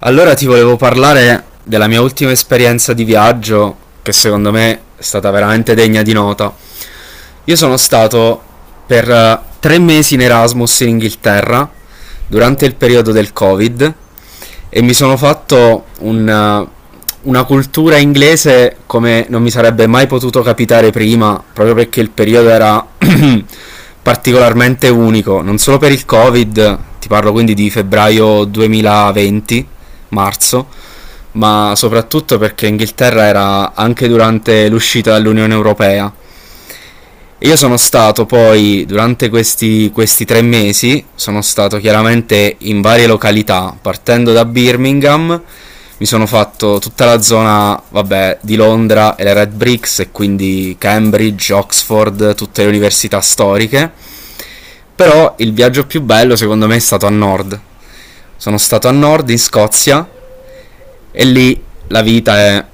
Allora ti volevo parlare della mia ultima esperienza di viaggio, che secondo me è stata veramente degna di nota. Io sono stato per 3 mesi in Erasmus in Inghilterra durante il periodo del Covid e mi sono fatto una cultura inglese come non mi sarebbe mai potuto capitare prima, proprio perché il periodo era particolarmente unico, non solo per il Covid. Ti parlo quindi di febbraio 2020, marzo, ma soprattutto perché Inghilterra era anche durante l'uscita dall'Unione Europea. Io sono stato poi, durante questi 3 mesi, sono stato chiaramente in varie località, partendo da Birmingham. Mi sono fatto tutta la zona, vabbè, di Londra e le Red Bricks, e quindi Cambridge, Oxford, tutte le università storiche. Però il viaggio più bello secondo me è stato a nord. Sono stato a nord in Scozia e lì la vita è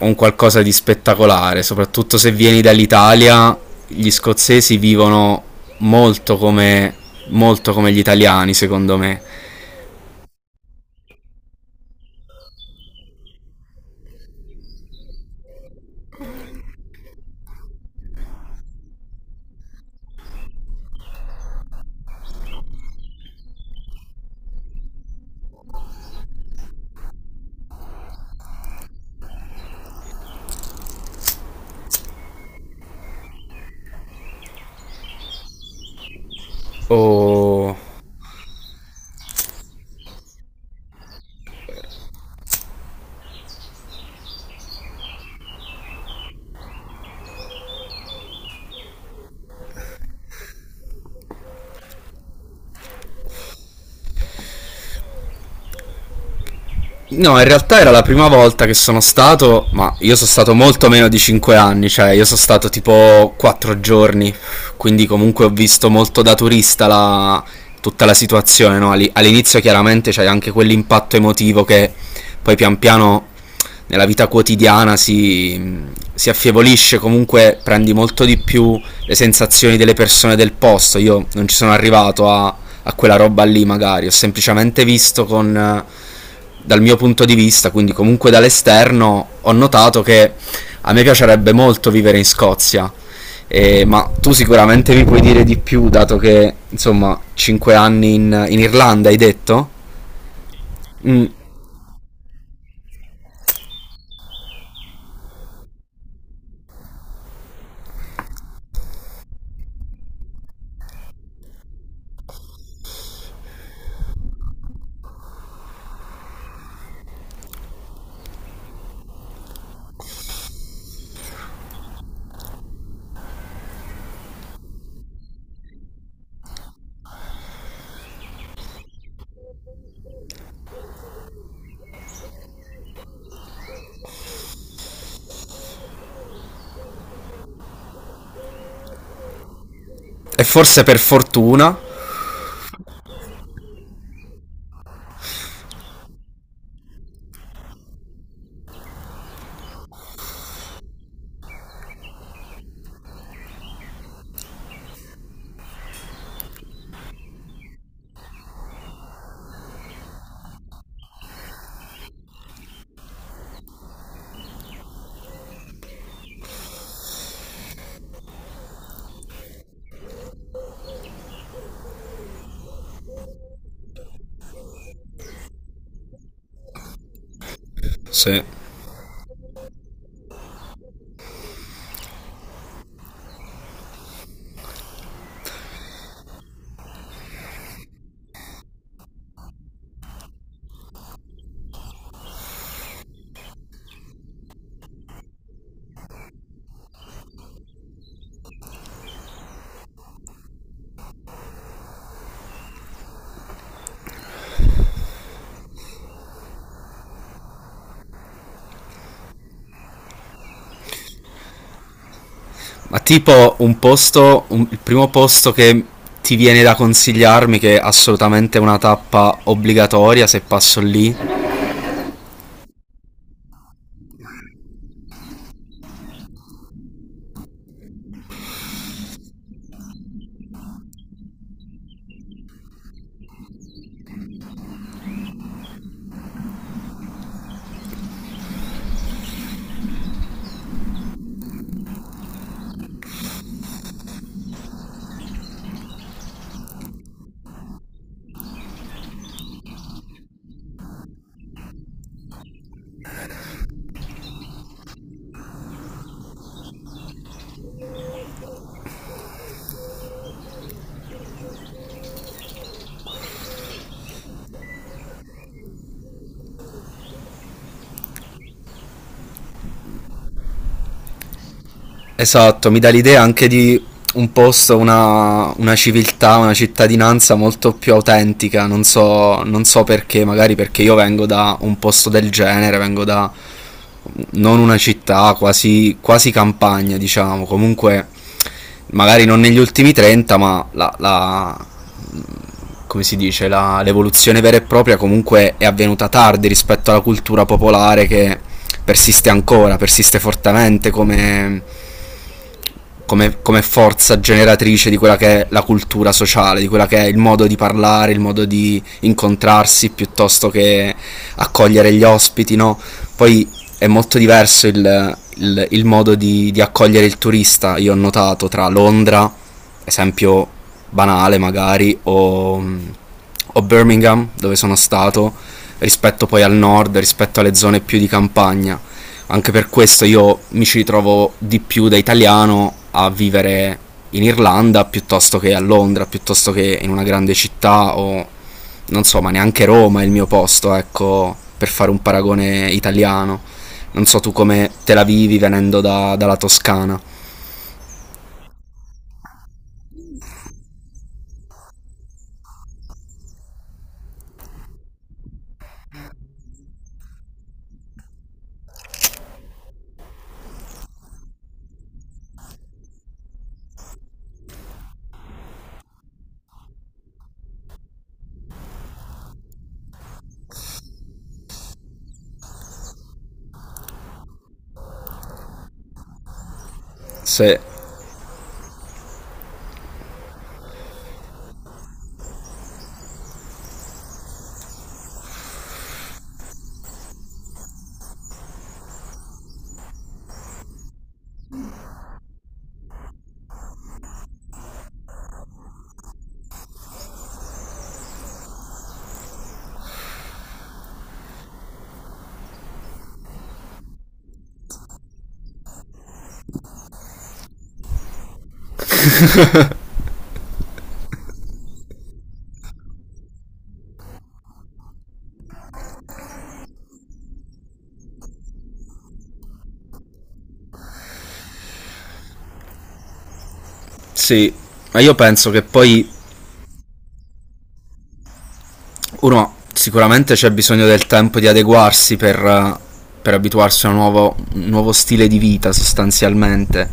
un qualcosa di spettacolare, soprattutto se vieni dall'Italia. Gli scozzesi vivono molto come, molto come gli italiani, secondo me. O No, in realtà era la prima volta che sono stato, ma io sono stato molto meno di 5 anni, cioè io sono stato tipo 4 giorni, quindi comunque ho visto molto da turista tutta la situazione, no? All'inizio chiaramente c'è anche quell'impatto emotivo che poi pian piano nella vita quotidiana si affievolisce, comunque prendi molto di più le sensazioni delle persone del posto. Io non ci sono arrivato a a quella roba lì magari, ho semplicemente visto con dal mio punto di vista, quindi comunque dall'esterno ho notato che a me piacerebbe molto vivere in Scozia. Ma tu sicuramente mi puoi dire di più, dato che insomma 5 anni in Irlanda hai detto? Mm, e forse per fortuna. Sì. Ma tipo un posto, il primo posto che ti viene da consigliarmi, che è assolutamente una tappa obbligatoria se passo lì. Esatto, mi dà l'idea anche di un posto, una civiltà, una cittadinanza molto più autentica, non so, non so perché, magari perché io vengo da un posto del genere, vengo da non una città, quasi, quasi campagna, diciamo, comunque magari non negli ultimi 30, ma come si dice, l'evoluzione vera e propria comunque è avvenuta tardi rispetto alla cultura popolare che persiste ancora, persiste fortemente come forza generatrice di quella che è la cultura sociale, di quella che è il modo di parlare, il modo di incontrarsi piuttosto che accogliere gli ospiti, no? Poi è molto diverso il modo di accogliere il turista, io ho notato, tra Londra, esempio banale magari, o Birmingham, dove sono stato, rispetto poi al nord, rispetto alle zone più di campagna. Anche per questo io mi ci ritrovo di più da italiano a vivere in Irlanda piuttosto che a Londra, piuttosto che in una grande città, o non so, ma neanche Roma è il mio posto, ecco, per fare un paragone italiano. Non so tu come te la vivi venendo dalla Toscana. Se, Sì, ma io penso che poi uno, sicuramente c'è bisogno del tempo di adeguarsi per abituarsi a un nuovo stile di vita sostanzialmente,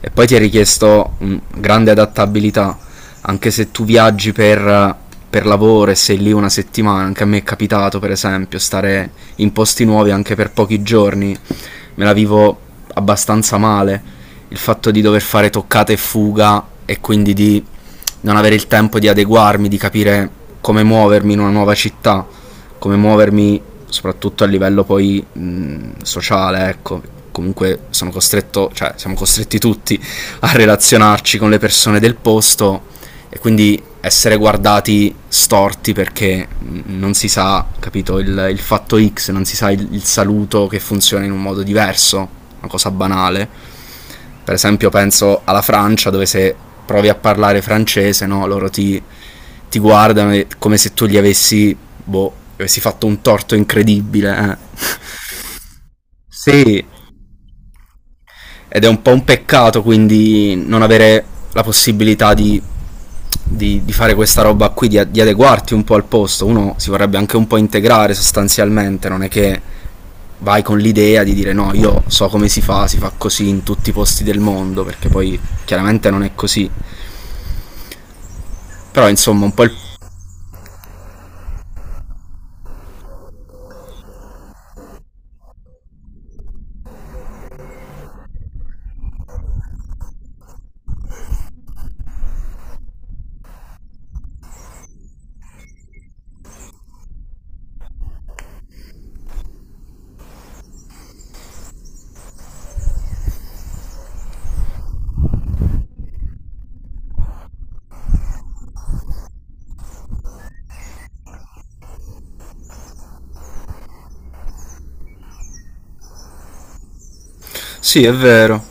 e poi ti è richiesto grande adattabilità. Anche se tu viaggi per lavoro e sei lì una settimana, anche a me è capitato per esempio stare in posti nuovi anche per pochi giorni, me la vivo abbastanza male il fatto di dover fare toccate e fuga e quindi di non avere il tempo di adeguarmi, di capire come muovermi in una nuova città, come muovermi soprattutto a livello poi sociale, ecco. Comunque sono costretto, cioè siamo costretti tutti a relazionarci con le persone del posto e quindi essere guardati storti perché non si sa, capito, il fatto X, non si sa il saluto che funziona in un modo diverso, una cosa banale. Per esempio, penso alla Francia dove, se provi a parlare francese, no, loro ti guardano come se tu gli avessi, boh, gli avessi fatto un torto incredibile. Eh. Sì, ed è un po' un peccato quindi non avere la possibilità di fare questa roba qui, di adeguarti un po' al posto. Uno si vorrebbe anche un po' integrare sostanzialmente, non è che vai con l'idea di dire no, io so come si fa così in tutti i posti del mondo, perché poi chiaramente non è così. Però insomma un po' il. Sì, è vero.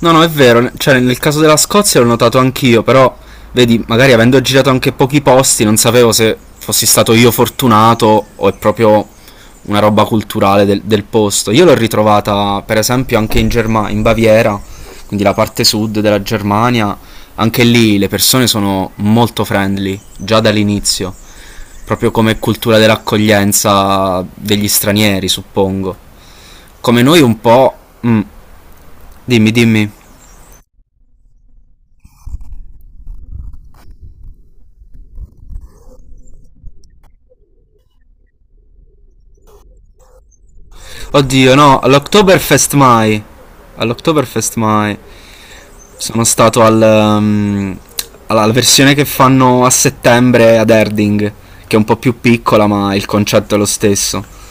No, no, è vero. Cioè, nel caso della Scozia l'ho notato anch'io, però, vedi, magari avendo girato anche pochi posti, non sapevo se fossi stato io fortunato o è proprio una roba culturale del posto. Io l'ho ritrovata, per esempio, anche in Germania, in Baviera, quindi la parte sud della Germania. Anche lì le persone sono molto friendly, già dall'inizio, proprio come cultura dell'accoglienza degli stranieri, suppongo. Come noi un po'. mm, Dimmi, dimmi. Oddio, no, all'Oktoberfest mai. All'Oktoberfest mai. Sono stato alla versione che fanno a settembre ad Erding, che è un po' più piccola, ma il concetto è lo stesso.